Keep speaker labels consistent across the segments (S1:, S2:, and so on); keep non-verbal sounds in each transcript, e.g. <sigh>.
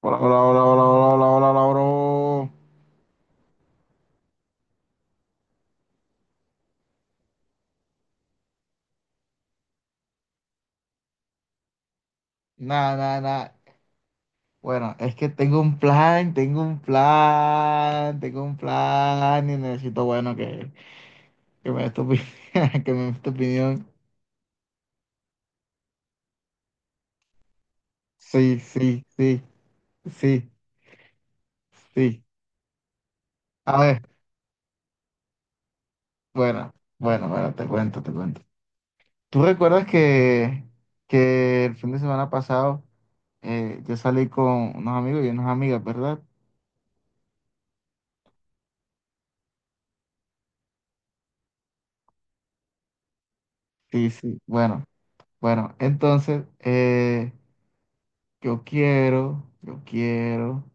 S1: Hola, hola, hola, hola, hola, hola, hola, hola, bro. Nada, nada, nada. Bueno, es que tengo un plan, tengo un plan, tengo un plan y necesito, bueno, que me des tu opinión, <laughs> que me des tu opinión. Sí, sí, sí, sí, sí. A ver, bueno, bueno, bueno, te cuento, te cuento. ¿Tú recuerdas que, el fin de semana pasado yo salí con unos amigos y unas amigas, verdad? Sí, sí, bueno, bueno, entonces yo quiero, yo quiero.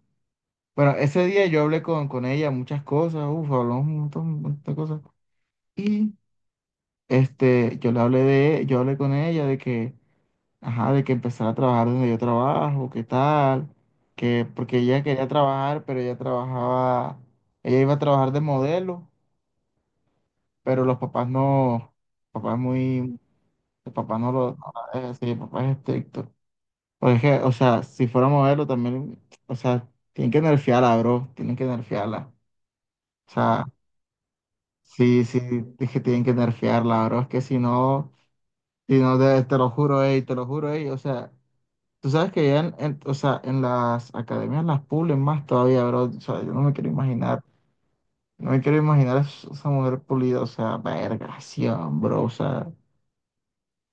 S1: Bueno, ese día yo hablé con ella muchas cosas. Uff, hablamos un montón de cosas. Y yo le hablé de, yo hablé con ella de que, ajá, de que empezara a trabajar donde yo trabajo, qué tal, que, porque ella quería trabajar, pero ella trabajaba, ella iba a trabajar de modelo, pero los papás no, papás muy, el papá no la deja. Sí, el papá es estricto. O es que, o sea, si fuera modelo también, o sea, tienen que nerfearla, bro. Tienen que nerfearla. O sea, sí, sí, es que tienen que nerfearla, bro. Es que si no, si no, te lo juro, ey, te lo juro, ey. O sea, tú sabes que ya o sea, en las academias las pulen más todavía, bro. O sea, yo no me quiero imaginar, no me quiero imaginar esa mujer pulida, o sea, vergación, bro. O sea,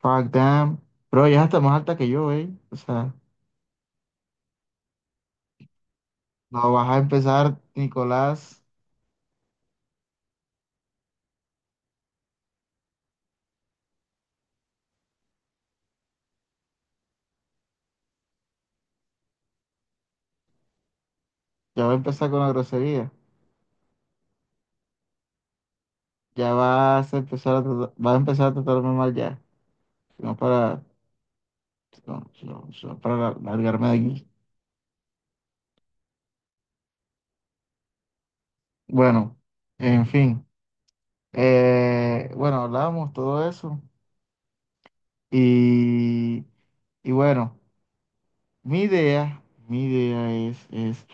S1: fuck damn. Bro, ya está más alta que yo, ey. O sea, no vas a empezar, Nicolás. Ya va a empezar con la grosería. Ya vas a empezar vas a empezar a tratarme mal ya. No para, no, no, no para largarme de aquí. Bueno, en fin. Bueno, hablamos todo eso. Y, y bueno, mi idea, mi idea es.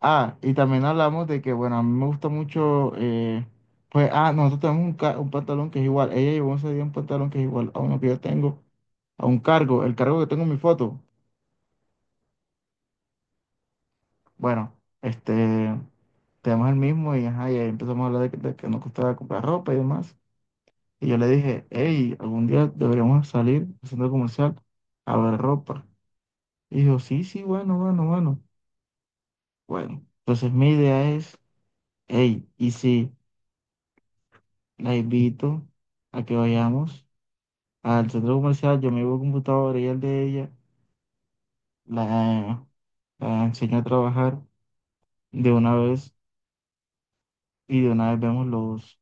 S1: Ah, y también hablamos de que, bueno, a mí me gusta mucho. Pues, ah, nosotros tenemos un pantalón que es igual. Ella llevó ese día un pantalón que es igual a uno que yo tengo, a un cargo. El cargo que tengo en mi foto. Bueno, este, tenemos el mismo y, ajá, y ahí empezamos a hablar de que nos costaba comprar ropa y demás. Y yo le dije, hey, algún día deberíamos salir al centro comercial a ver ropa. Y dijo, sí, sí, bueno, bueno, bueno. Bueno, entonces mi idea es, hey, y si la invito a que vayamos al centro comercial, yo me llevo computadora y el de ella, la, la enseño a trabajar de una vez y de una vez vemos los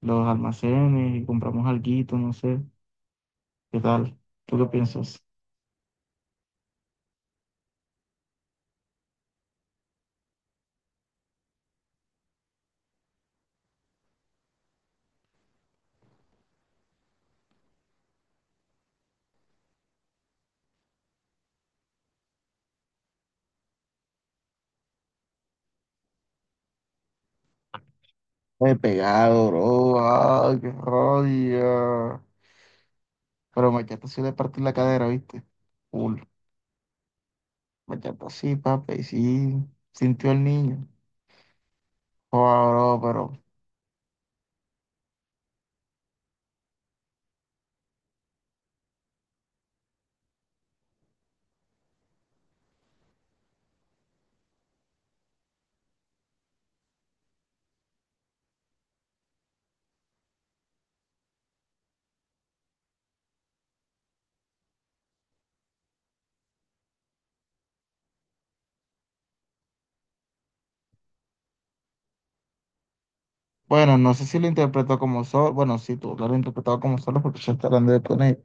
S1: los almacenes y compramos alguito, no sé, ¿qué tal? ¿Tú qué piensas? Me he pegado, bro. Ay, qué rabia. Pero Machata sí le partí la cadera, ¿viste? Full. Machata sí, papi, y sí. Sintió el niño. Joda, bro, pero. Bueno, no sé si lo interpretó como solo. Bueno, sí, tú lo has interpretado como solo porque ya está hablando de poner.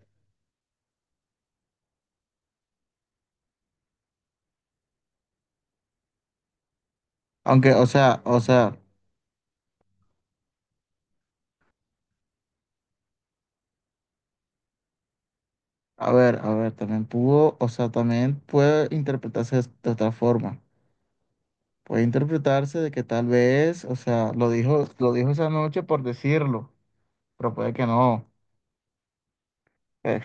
S1: Aunque, o sea, a ver, también pudo, o sea, también puede interpretarse de otra forma. Puede interpretarse de que tal vez, o sea, lo dijo esa noche por decirlo, pero puede que no. Eh,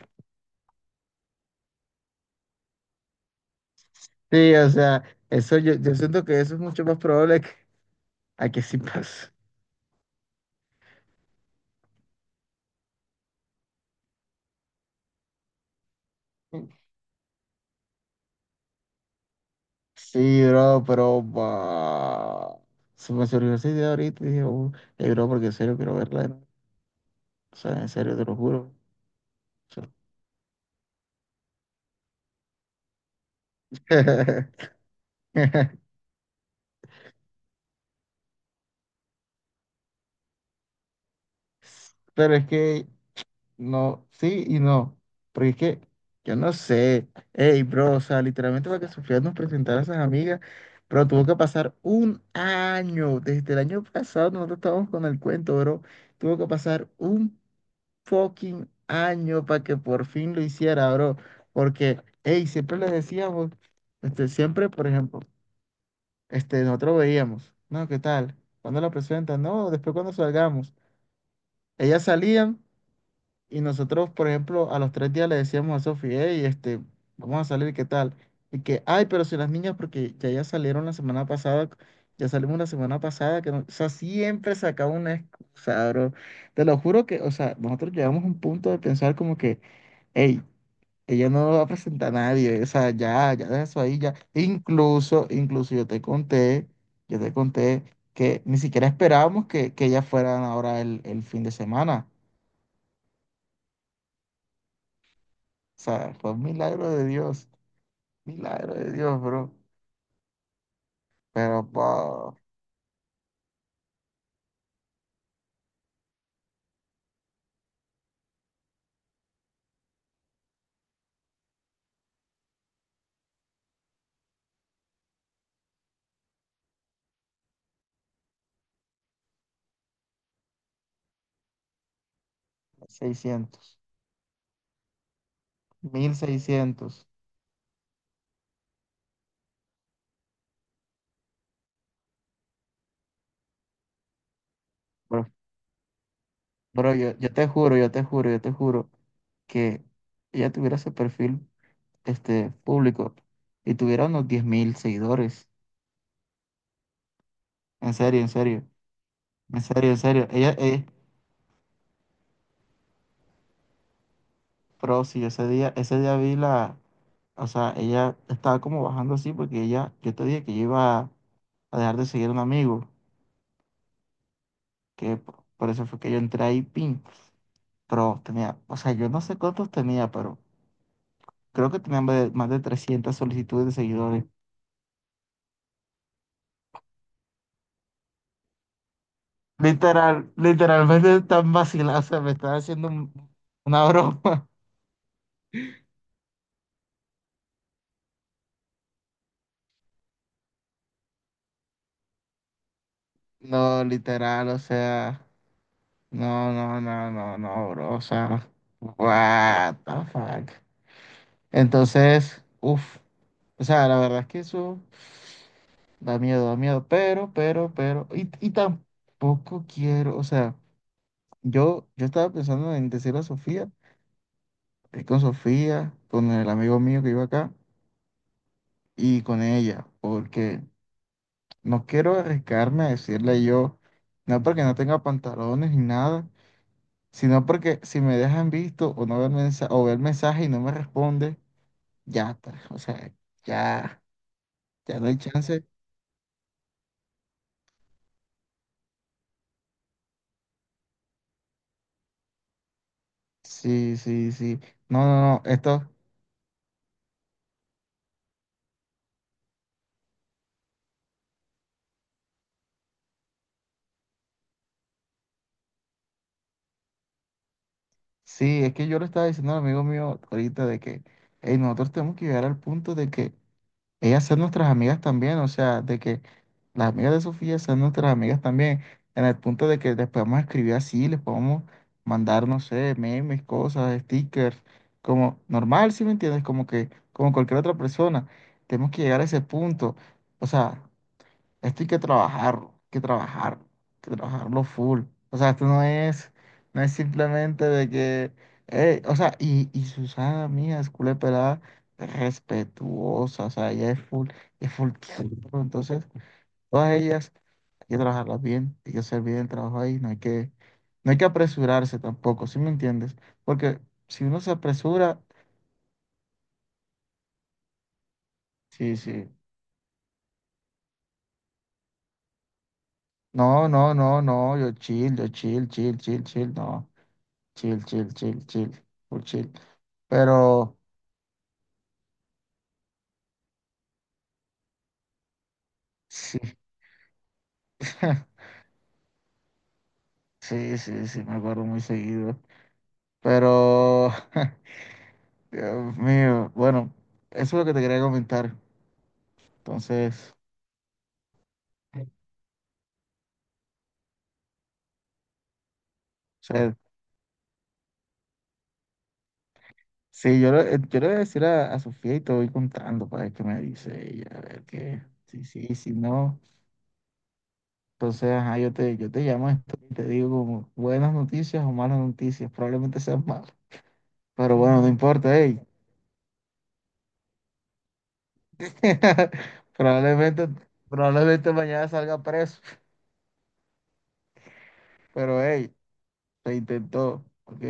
S1: sí, o sea, eso yo siento que eso es mucho más probable que, a que sí pase. Sí, bro, pero bah, se me surgió esa idea ahorita y dije, bro, porque en serio quiero verla de nuevo. O sea, en serio, te lo juro. O sea, <laughs> pero es que no, sí y no. Porque es que yo no sé. Ey, bro, o sea, literalmente, para que Sofía nos presentara a esas amigas, pero tuvo que pasar un año. Desde el año pasado nosotros estábamos con el cuento, bro. Tuvo que pasar un fucking año para que por fin lo hiciera, bro. Porque, ey, siempre les decíamos, siempre, por ejemplo, nosotros veíamos, no, ¿qué tal? ¿Cuándo la presentan? No, después cuando salgamos. Ellas salían. Y nosotros, por ejemplo, a los 3 días le decíamos a Sofía, hey, vamos a salir, ¿qué tal? Y que, ay, pero si las niñas, porque ya salieron la semana pasada, ya salimos la semana pasada, que no, o sea, siempre sacaba una excusa, bro. Te lo juro que, o sea, nosotros llegamos a un punto de pensar como que, hey, ella no va a presentar a nadie, o sea, ya, ya deja eso ahí, ya. E incluso yo te conté que ni siquiera esperábamos que ellas fueran ahora el fin de semana. O sea, fue un milagro de Dios, bro. Pero, pa, 600, 1.600. Bro, bro, yo te juro, yo te juro, yo te juro que ella tuviera ese perfil, público, y tuviera unos 10.000 seguidores. En serio, en serio, en serio, en serio. Ella es pro, sí, ese día vi la, o sea, ella estaba como bajando así porque ella, yo te dije que yo iba a dejar de seguir a un amigo. que p- por eso fue que yo entré ahí, pin. Pero tenía, o sea, yo no sé cuántos tenía, pero creo que tenía más de 300 solicitudes de seguidores. Literal, literalmente están vacilando, o sea, me están haciendo una broma. <laughs> No, literal, o sea, no, no, no, no, no, bro, o sea, what the fuck. Entonces, uff, o sea, la verdad es que eso da miedo, pero, y tampoco quiero, o sea. Yo estaba pensando en decirle a Sofía, ir con Sofía, con el amigo mío que iba acá y con ella, porque no quiero arriesgarme a decirle yo, no porque no tenga pantalones ni nada, sino porque si me dejan visto o no ver mensaje, o ver mensaje y no me responde, ya está, o sea, ya, ya no hay chance. Sí, sí, sí. No, no, no, esto, sí, es que yo le estaba diciendo al amigo mío ahorita de que, hey, nosotros tenemos que llegar al punto de que ellas sean nuestras amigas también, o sea, de que las amigas de Sofía sean nuestras amigas también, en el punto de que les podemos escribir así, les podemos mandar, no sé, memes, cosas, stickers, como normal, ¿si me entiendes? Como que, como cualquier otra persona, tenemos que llegar a ese punto, o sea, esto hay que trabajarlo, hay que trabajarlo, hay que trabajarlo full. O sea, esto no es simplemente de que, o sea, y Susana mía es culé pelada, es respetuosa, o sea, ella es full tiempo. Entonces, todas ellas hay que trabajarlas bien, hay que hacer bien el trabajo ahí, no hay que apresurarse tampoco, ¿sí me entiendes? Porque si uno se apresura, sí, sí. No, no, no, no, yo chill, chill, chill, chill, no. Chill, chill, chill, chill, muy chill. Pero sí, <laughs> sí, sí, sí, me acuerdo muy seguido. Pero, <laughs> Dios mío, bueno, eso es lo que te quería comentar. Entonces, o sea, sí, yo le voy a decir a Sofía y te voy contando para ver qué me dice ella, a ver qué, sí, sí, si no. Entonces, ajá, yo te llamo esto y te digo como buenas noticias o malas noticias, probablemente sean malas. Pero bueno, no importa, hey, <laughs> Probablemente, probablemente mañana salga preso, pero hey, se intentó, ok,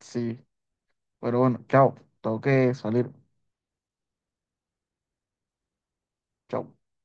S1: sí, pero bueno, chao, tengo que salir, chao.